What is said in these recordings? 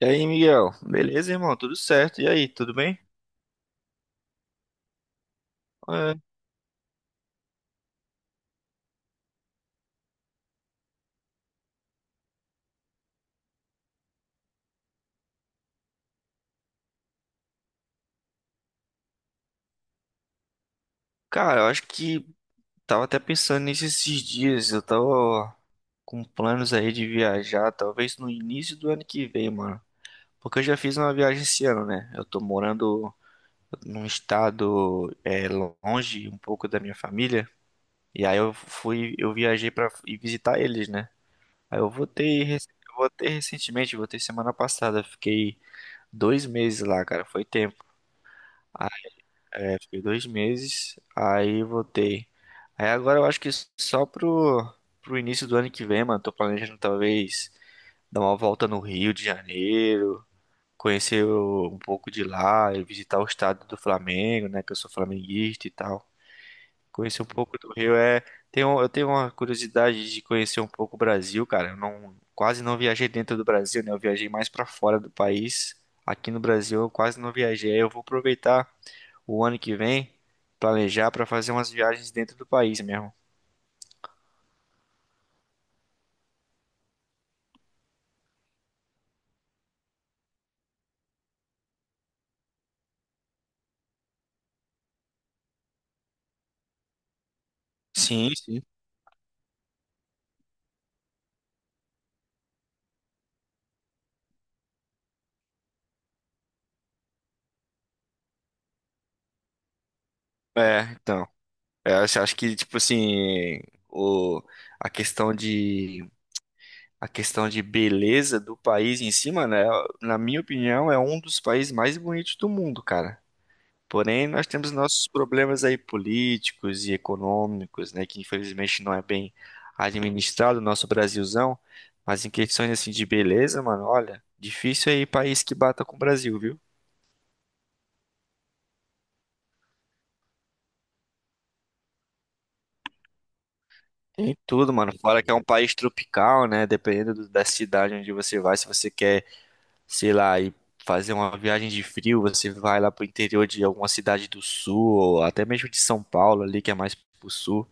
E aí, Miguel? Beleza, irmão? Tudo certo? E aí, tudo bem? É, cara, eu acho que tava até pensando nisso esses dias. Eu tava com planos aí de viajar, talvez no início do ano que vem, mano. Porque eu já fiz uma viagem esse ano, né? Eu tô morando num estado longe um pouco da minha família. E aí eu viajei pra ir visitar eles, né? Aí eu voltei recentemente, voltei semana passada. Fiquei dois meses lá, cara. Foi tempo. É, fiquei dois meses, aí voltei. Aí agora eu acho que só pro, pro início do ano que vem, mano, tô planejando talvez dar uma volta no Rio de Janeiro, um pouco de lá, e visitar o estado do Flamengo, né, que eu sou flamenguista e tal. Conhecer um pouco do Rio. Eu tenho uma curiosidade de conhecer um pouco o Brasil, cara. Eu não, quase não viajei dentro do Brasil, né, eu viajei mais pra fora do país. Aqui no Brasil eu quase não viajei, eu vou aproveitar o ano que vem planejar pra fazer umas viagens dentro do país mesmo. Sim, sim. É, então. É, acho que, tipo assim, o, a a questão de beleza do país em si, mano, é, na minha opinião, é um dos países mais bonitos do mundo, cara. Porém, nós temos nossos problemas aí políticos e econômicos, né, que infelizmente não é bem administrado, o nosso Brasilzão. Mas em questões assim de beleza, mano, olha, difícil aí país que bata com o Brasil, viu? Tem tudo, mano. Fora que é um país tropical, né? Dependendo da cidade onde você vai, se você quer, sei lá, ir fazer uma viagem de frio, você vai lá pro interior de alguma cidade do sul, ou até mesmo de São Paulo ali, que é mais pro sul.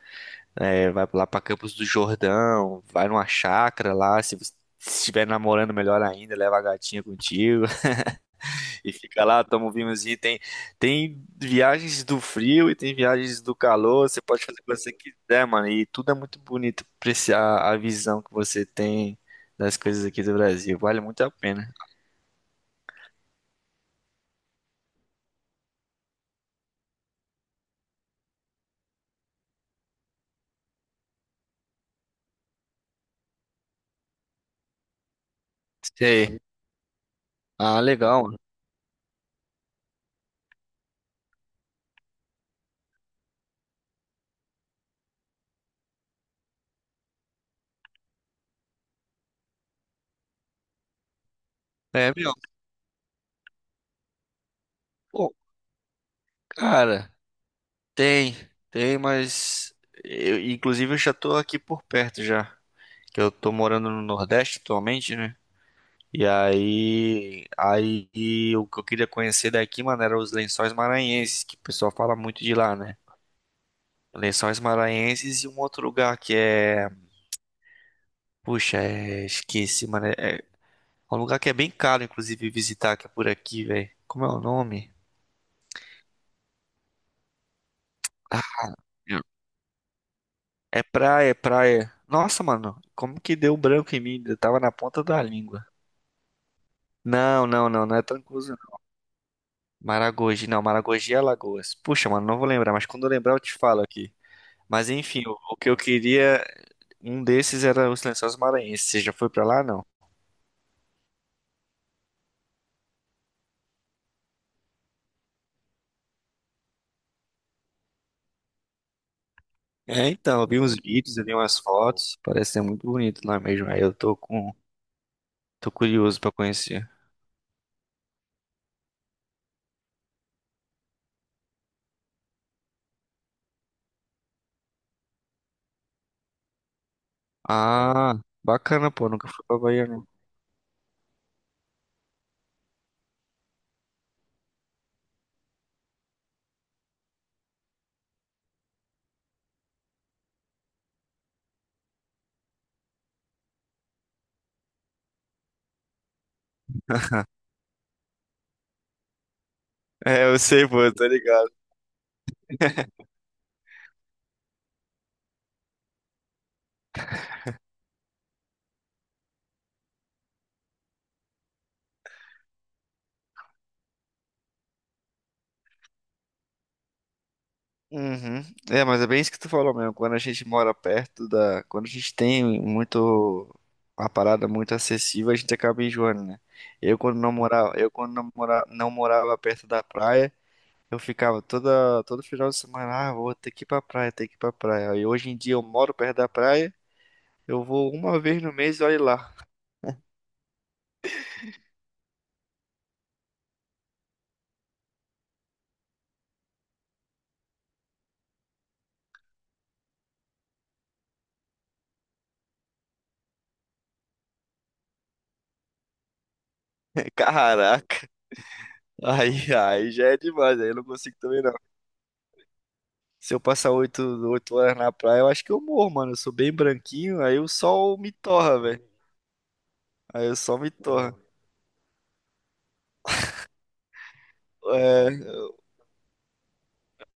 É, vai lá pra Campos do Jordão, vai numa chácara lá. Se você estiver namorando, melhor ainda, leva a gatinha contigo. E fica lá, toma um vinhozinho. Tem viagens do frio e tem viagens do calor. Você pode fazer o que você quiser, mano. E tudo é muito bonito. Apreciar a visão que você tem das coisas aqui do Brasil. Vale muito a pena. Sei. Ah, legal, mano. É, meu. Pô, cara, tem. Tem, mas. Eu, inclusive, eu já tô aqui por perto já. Que eu tô morando no Nordeste atualmente, né? Aí o que eu queria conhecer daqui, mano, era os Lençóis Maranhenses, que o pessoal fala muito de lá, né? Lençóis Maranhenses e um outro lugar que é... esqueci, mano, é um lugar que é bem caro, inclusive, visitar, que é por aqui, velho. Como é o nome? Ah, é praia. Nossa, mano, como que deu branco em mim? Eu tava na ponta da língua. Não, não é Trancoso, não. Maragogi, não, Maragogi é Alagoas. Puxa, mano, não vou lembrar, mas quando eu lembrar eu te falo aqui. Mas enfim, o que eu queria, um desses era os Lençóis Maranhenses. Você já foi pra lá, não? É, então, eu vi umas fotos, parece ser muito bonito lá mesmo. Aí eu tô com, tô curioso pra conhecer. Ah, bacana, pô, nunca fui pra Bahia, não. É, eu sei, pô, eu tô ligado. Uhum. É, mas é bem isso que tu falou mesmo. Quando a gente mora quando a gente tem muito uma parada muito acessível, a gente acaba enjoando, né? Eu quando não morava, não morava perto da praia. Eu ficava todo final de semana, ah, vou ter que ir pra praia, ter que ir pra praia. E hoje em dia eu moro perto da praia, eu vou uma vez no mês e olha lá. Caraca, aí já é demais, aí eu não consigo também não. Se eu passar oito horas na praia, eu acho que eu morro, mano. Eu sou bem branquinho, aí o sol me torra, velho. Aí o sol me torra. É,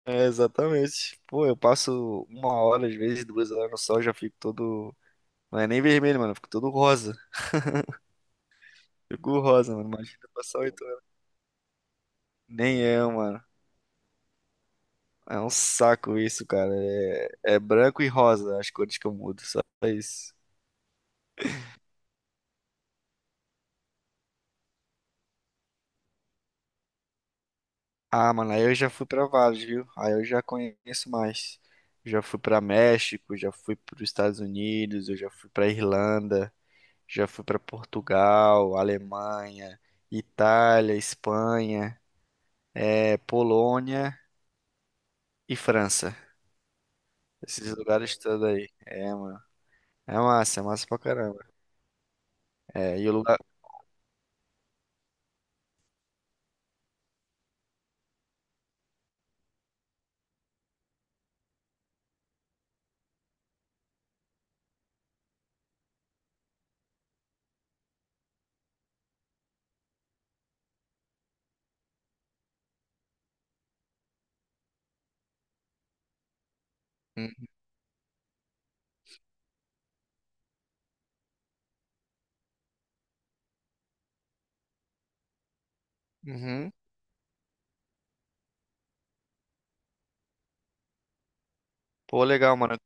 exatamente. Pô, eu passo uma hora, às vezes duas horas no sol, já fico todo. Não é nem vermelho, mano, eu fico todo rosa. Fico rosa, mano. Imagina passar oito. Nem eu, mano. É um saco isso, cara. É, é branco e rosa as cores que eu mudo, só isso. Ah, mano, aí eu já fui pra vários, viu? Aí eu já conheço mais. Já fui pra México, já fui pros Estados Unidos, eu já fui pra Irlanda, já fui pra Portugal, Alemanha, Itália, Espanha, Polônia e França. Esses lugares todos aí. É, mano. É massa pra caramba. É, e o lugar. Hum. Uhum. Pô, legal, mano.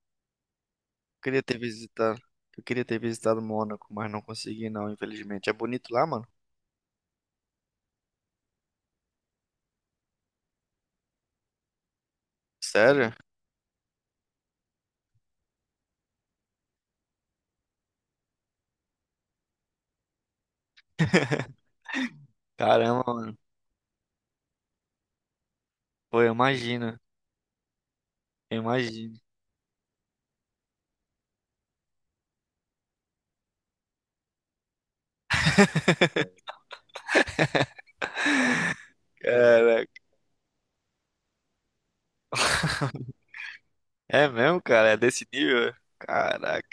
Queria ter visitado. Eu queria ter visitado Mônaco, mas não consegui não, infelizmente. É bonito lá, mano? Sério? Caramba, mano. Pô, eu imagino. Eu imagino. Caraca. É mesmo, cara? É desse nível? Caraca.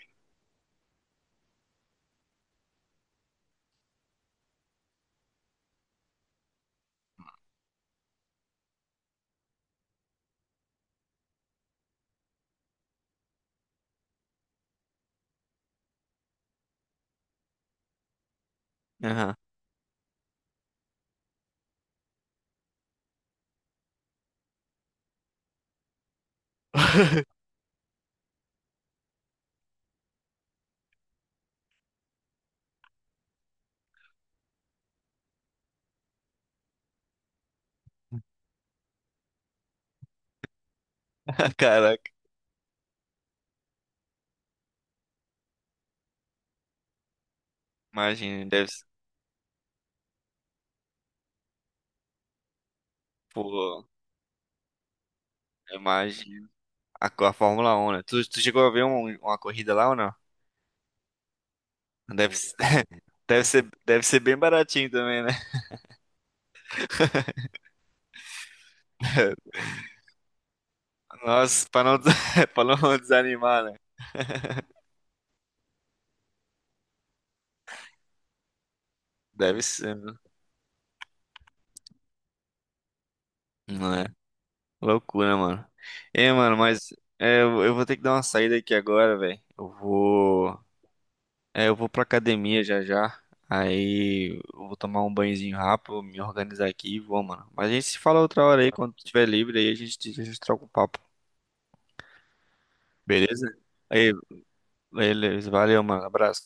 Aham. Caraca. Imagina, deve ser. Pô, eu imagino. A Fórmula 1, né? Tu chegou a ver uma corrida lá ou não? Deve, ser- deve ser bem baratinho também, né? Nossa, pra não, des- pra não desanimar, né? Deve ser. Loucura, mano. É, mano, eu vou ter que dar uma saída aqui agora, velho. Eu vou. É, eu vou pra academia já já. Aí eu vou tomar um banhozinho rápido, me organizar aqui e vou, mano. Mas a gente se fala outra hora aí, quando tiver livre, a gente troca o papo. Beleza? Aí, beleza. Valeu, mano. Abraço.